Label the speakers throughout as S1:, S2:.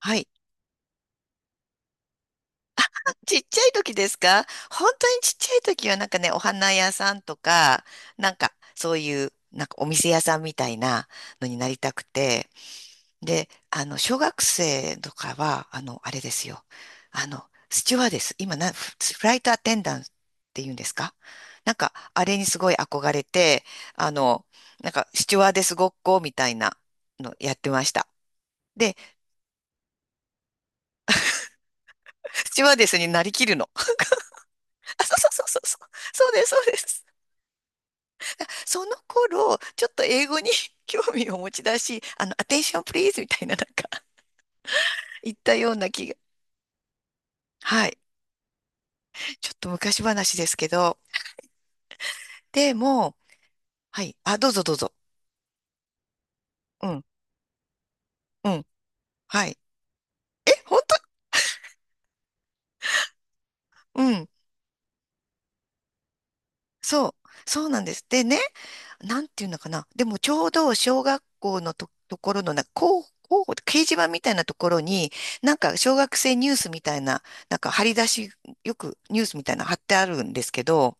S1: はい。ちっちゃい時ですか？本当にちっちゃい時はなんかね、お花屋さんとか、なんかそういう、なんかお店屋さんみたいなのになりたくて。で、小学生とかは、あれですよ。スチュワーデス。今な、フフライトアテンダントって言うんですか？なんか、あれにすごい憧れて、あの、なんか、スチュワーデスごっこみたいなのやってました。で、スチュワーデスになりきるの。あ、そうそうそうそうそう。そうです、そうです。その頃、ちょっと英語に 興味を持ち出し、アテンションプリーズみたいななんか 言ったような気が。はい。ちょっと昔話ですけど。でも、はい。あ、どうぞどうぞ。うん。うん。はい。え、本当？うん。そう。そうなんです。でね、なんていうのかな。でもちょうど小学校のと、ところのな、掲示板みたいなところに、なんか小学生ニュースみたいな、なんか張り出し、よくニュースみたいなの貼ってあるんですけど、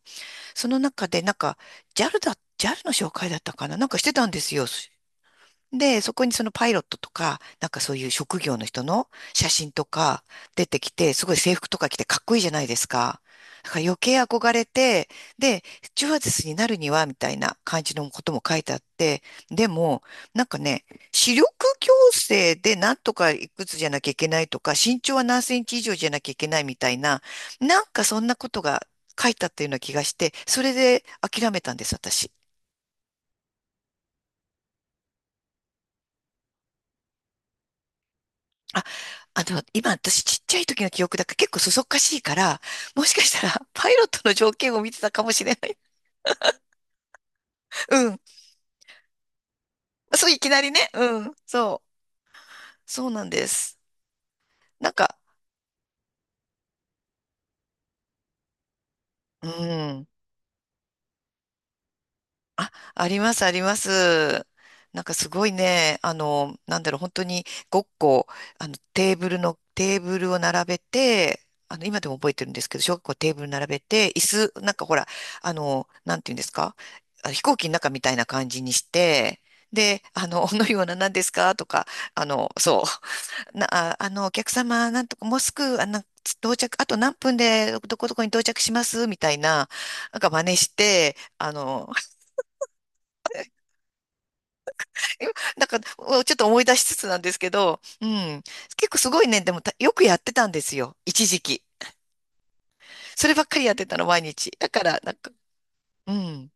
S1: その中で、なんか、ジャルの紹介だったかななんかしてたんですよ。で、そこにそのパイロットとか、なんかそういう職業の人の写真とか出てきて、すごい制服とか着てかっこいいじゃないですか。だから余計憧れて、で、スチュワーデスになるには、みたいな感じのことも書いてあって、でも、なんかね、視力矯正でなんとかいくつじゃなきゃいけないとか、身長は何センチ以上じゃなきゃいけないみたいな、なんかそんなことが書いてあったような気がして、それで諦めたんです、私。あ、今私ちっちゃい時の記憶だから結構そそっかしいから、もしかしたら パイロットの条件を見てたかもしれない。うん。そう、いきなりね。うん。そう。そうなんです。なんか、うん。あ、あります、あります。なんかすごいね、なんだろう、本当にごっこ、あの、テーブルの、テーブルを並べて、今でも覚えてるんですけど、小学校テーブル並べて、なんかほら、なんていうんですか、あ飛行機の中みたいな感じにして、で、おのような何ですかとか、あの、そう、な、あ、あの、お客様、なんとか、もうすぐ、到着、あと何分でどこどこに到着しますみたいな、なんか真似して、だかおちょっと思い出しつつなんですけど、うん。結構すごいね、でもたよくやってたんですよ。一時期。そればっかりやってたの、毎日。だから、なんか、うん。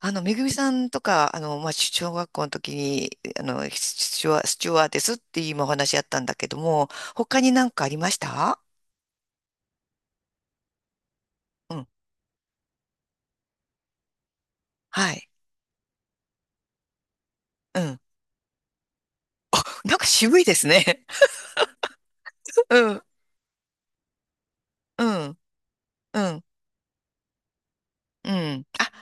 S1: めぐみさんとか、まあ、小学校の時に、スチュワーデスっていう今お話あったんだけども、他になんかありました？うん。はい。うん。なんか渋いですね。うん。うん。うん。うん。あ、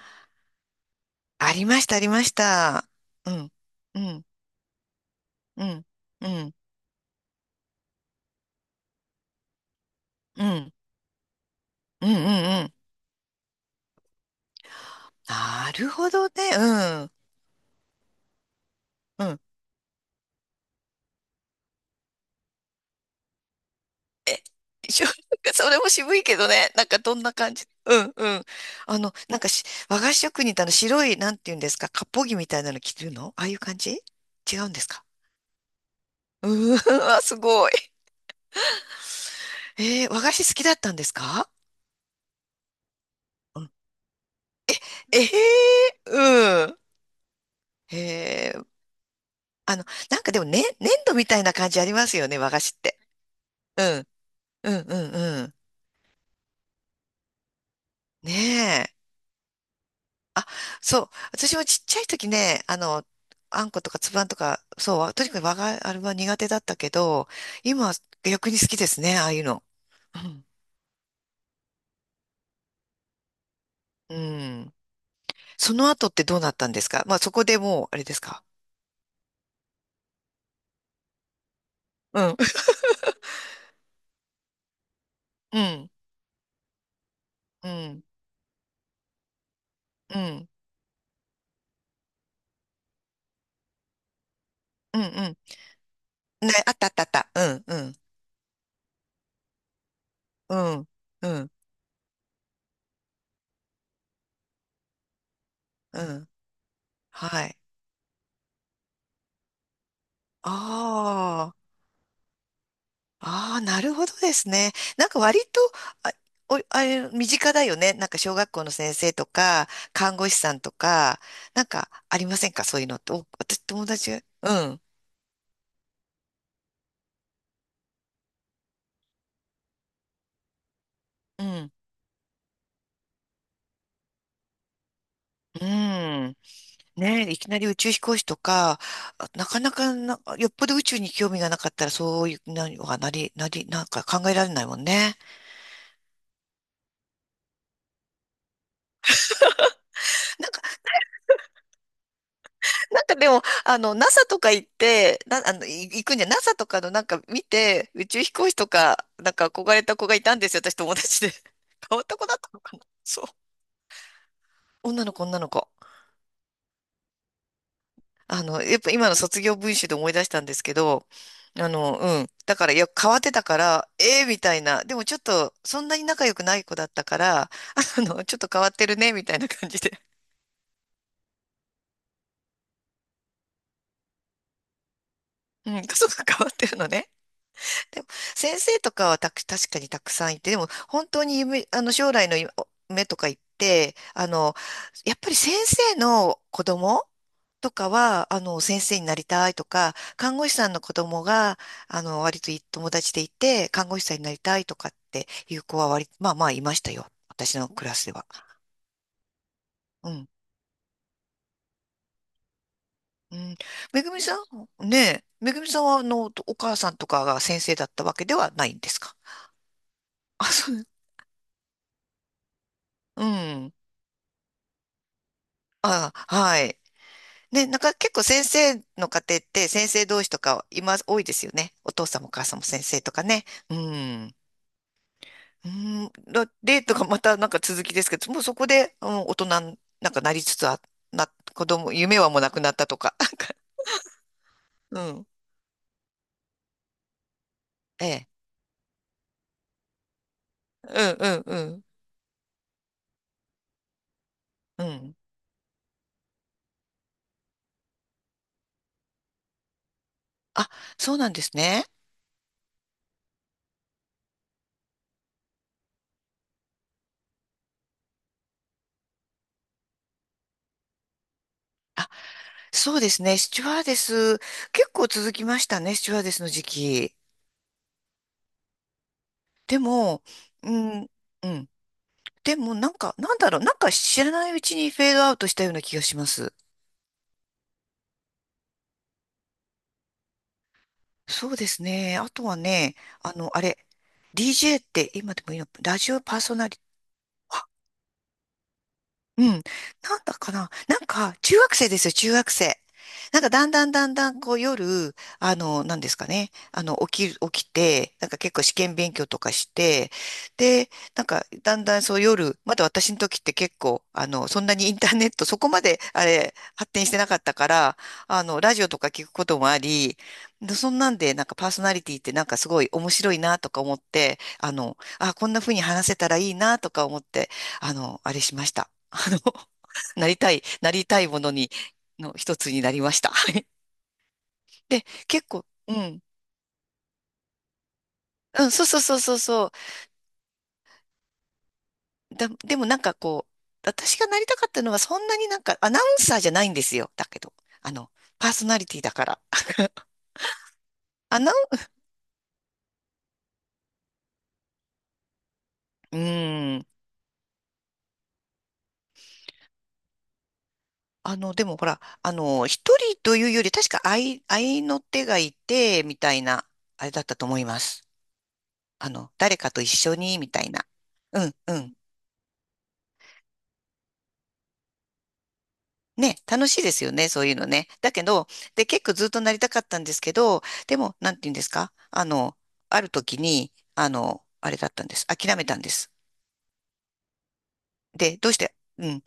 S1: ありました、ありました。うん。うん。うん。うん。うん。うんうんうん。なるほどね。うん。うん。しょ それも渋いけどね。なんかどんな感じ。うんうん。なんかし和菓子職人ってあの白い、なんて言うんですか、割烹着みたいなの着てるのああいう感じ違うんですか？うーん、あ、すごい。えー、和菓子好きだったんですか？うん。えー、うん。えー、あの、なんかでもね、ね粘土みたいな感じありますよね、和菓子って。うん、うん、うん、うん。ねえ。あ、そう。私もちっちゃい時ね、あんことかつぶあんとか、そう、わとにかく我があれは苦手だったけど、今は逆に好きですね、ああいうの。うん。うん。その後ってどうなったんですか？まあそこでもう、あれですか？うん。うん。うん。うん。うん。うん。ね、あったあったあった。うん。うん。うん。うん。うん。はい。ああ。ああ、なるほどですね。なんか割と、あ、あれ、身近だよね。なんか小学校の先生とか、看護師さんとか、なんかありませんかそういうのって。お、私友達、うん、うん、うん。ねえ、いきなり宇宙飛行士とか、あなかなかな、よっぽど宇宙に興味がなかったら、そういう、な、はなり、なり、なんか考えられないもんね。なんかでも、NASA とか行って、な、あの、い行くんじゃ、NASA とかのなんか見て、宇宙飛行士とか、なんか憧れた子がいたんですよ、私友達で。変わった子だったのかなそう。女の子、女の子。やっぱ今の卒業文集で思い出したんですけど、うん。だから、いや、変わってたから、ええみたいな。でもちょっと、そんなに仲良くない子だったから、ちょっと変わってるね、みたいな感じで。うん、家族変わってるのね。でも、先生とかはたく、確かにたくさんいて、でも、本当に夢、あの、将来の夢とか言って、やっぱり先生の子供とかは、先生になりたいとか、看護師さんの子供が、割といい友達でいて、看護師さんになりたいとかっていう子は割、まあまあいましたよ。私のクラスでは。うん。うん。めぐみさんねえ、めぐみさんは、お母さんとかが先生だったわけではないんですか？あ、そう。うん。あ、はい。ね、なんか結構先生の家庭って先生同士とか今多いですよね。お父さんもお母さんも先生とかね。うん。うん、だデートがまたなんか続きですけど、もうそこで、うん、大人になんかなりつつあ、な、子供、夢はもうなくなったとか。かうん。ええ。うんうんうん。うん。あ、そうなんですね。そうですね。スチュワーデス、結構続きましたね、スチュワーデスの時期。でも、うん、うん。でもなんか、なんだろう、なんか知らないうちにフェードアウトしたような気がします。そうですね。あとはね、あの、あれ、DJ って今でもいいの、ラジオパーソナリティ、うん。なんだかな。なんか、中学生ですよ、中学生。なんか、だんだんだんだん、こう、夜、なんですかね。起きて、なんか結構試験勉強とかして、で、なんか、だんだんそう夜、まだ私の時って結構、そんなにインターネット、そこまで、あれ、発展してなかったから、ラジオとか聞くこともあり、でそんなんで、なんかパーソナリティってなんかすごい面白いなとか思って、あ、こんな風に話せたらいいなとか思って、あれしました。あの、なりたいものに、の一つになりました。はい。で、結構、うん。うん、そうそうそうそうそう。だ、でもなんかこう、私がなりたかったのはそんなになんかアナウンサーじゃないんですよ。だけど、あの、パーソナリティだから。アナウン、うん。でもほら、一人というより、確か愛、愛の手がいて、みたいな、あれだったと思います。誰かと一緒に、みたいな。うん、うん。ね、楽しいですよね、そういうのね。だけど、で、結構ずっとなりたかったんですけど、でも、なんて言うんですかあの、ある時に、あれだったんです。諦めたんです。で、どうして、うん、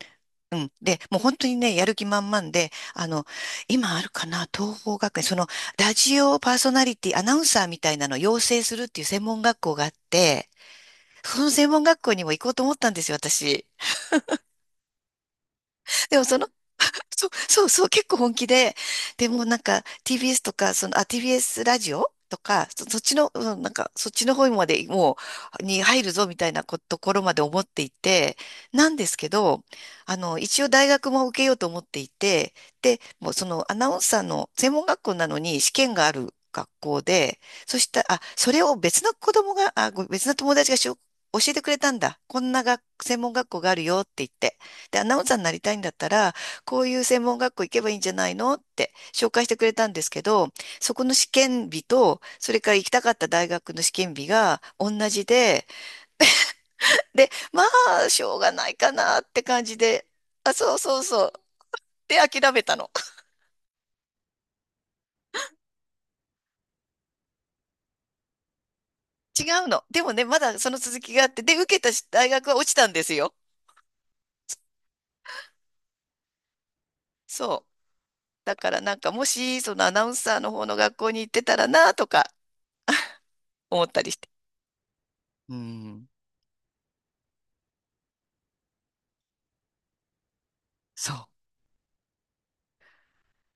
S1: うん。で、もう本当にね、やる気満々で、今あるかな、東邦学園、その、ラジオパーソナリティ、アナウンサーみたいなのを養成するっていう専門学校があって、その専門学校にも行こうと思ったんですよ、私。でもその、そう、そうそう、結構本気で、でもなんか TBS とか、TBS ラジオとか、そっちの、うんなんか、そっちの方までもに入るぞみたいなことところまで思っていて、なんですけど、一応大学も受けようと思っていて、で、もうそのアナウンサーの専門学校なのに試験がある学校で、そしたら、あ、それを別の子供が、あ、ご別の友達が教えてくれたんだ。こんな学専門学校があるよって言って。で、アナウンサーになりたいんだったら、こういう専門学校行けばいいんじゃないのって紹介してくれたんですけど、そこの試験日と、それから行きたかった大学の試験日が同じで、で、まあ、しょうがないかなって感じで、あ、そうそうそう。で、諦めたの。違うの。でもね、まだその続きがあって、で、受けた大学は落ちたんですよ。そう。だからなんか、もし、そのアナウンサーの方の学校に行ってたらな、とか思ったりして。うん、そう。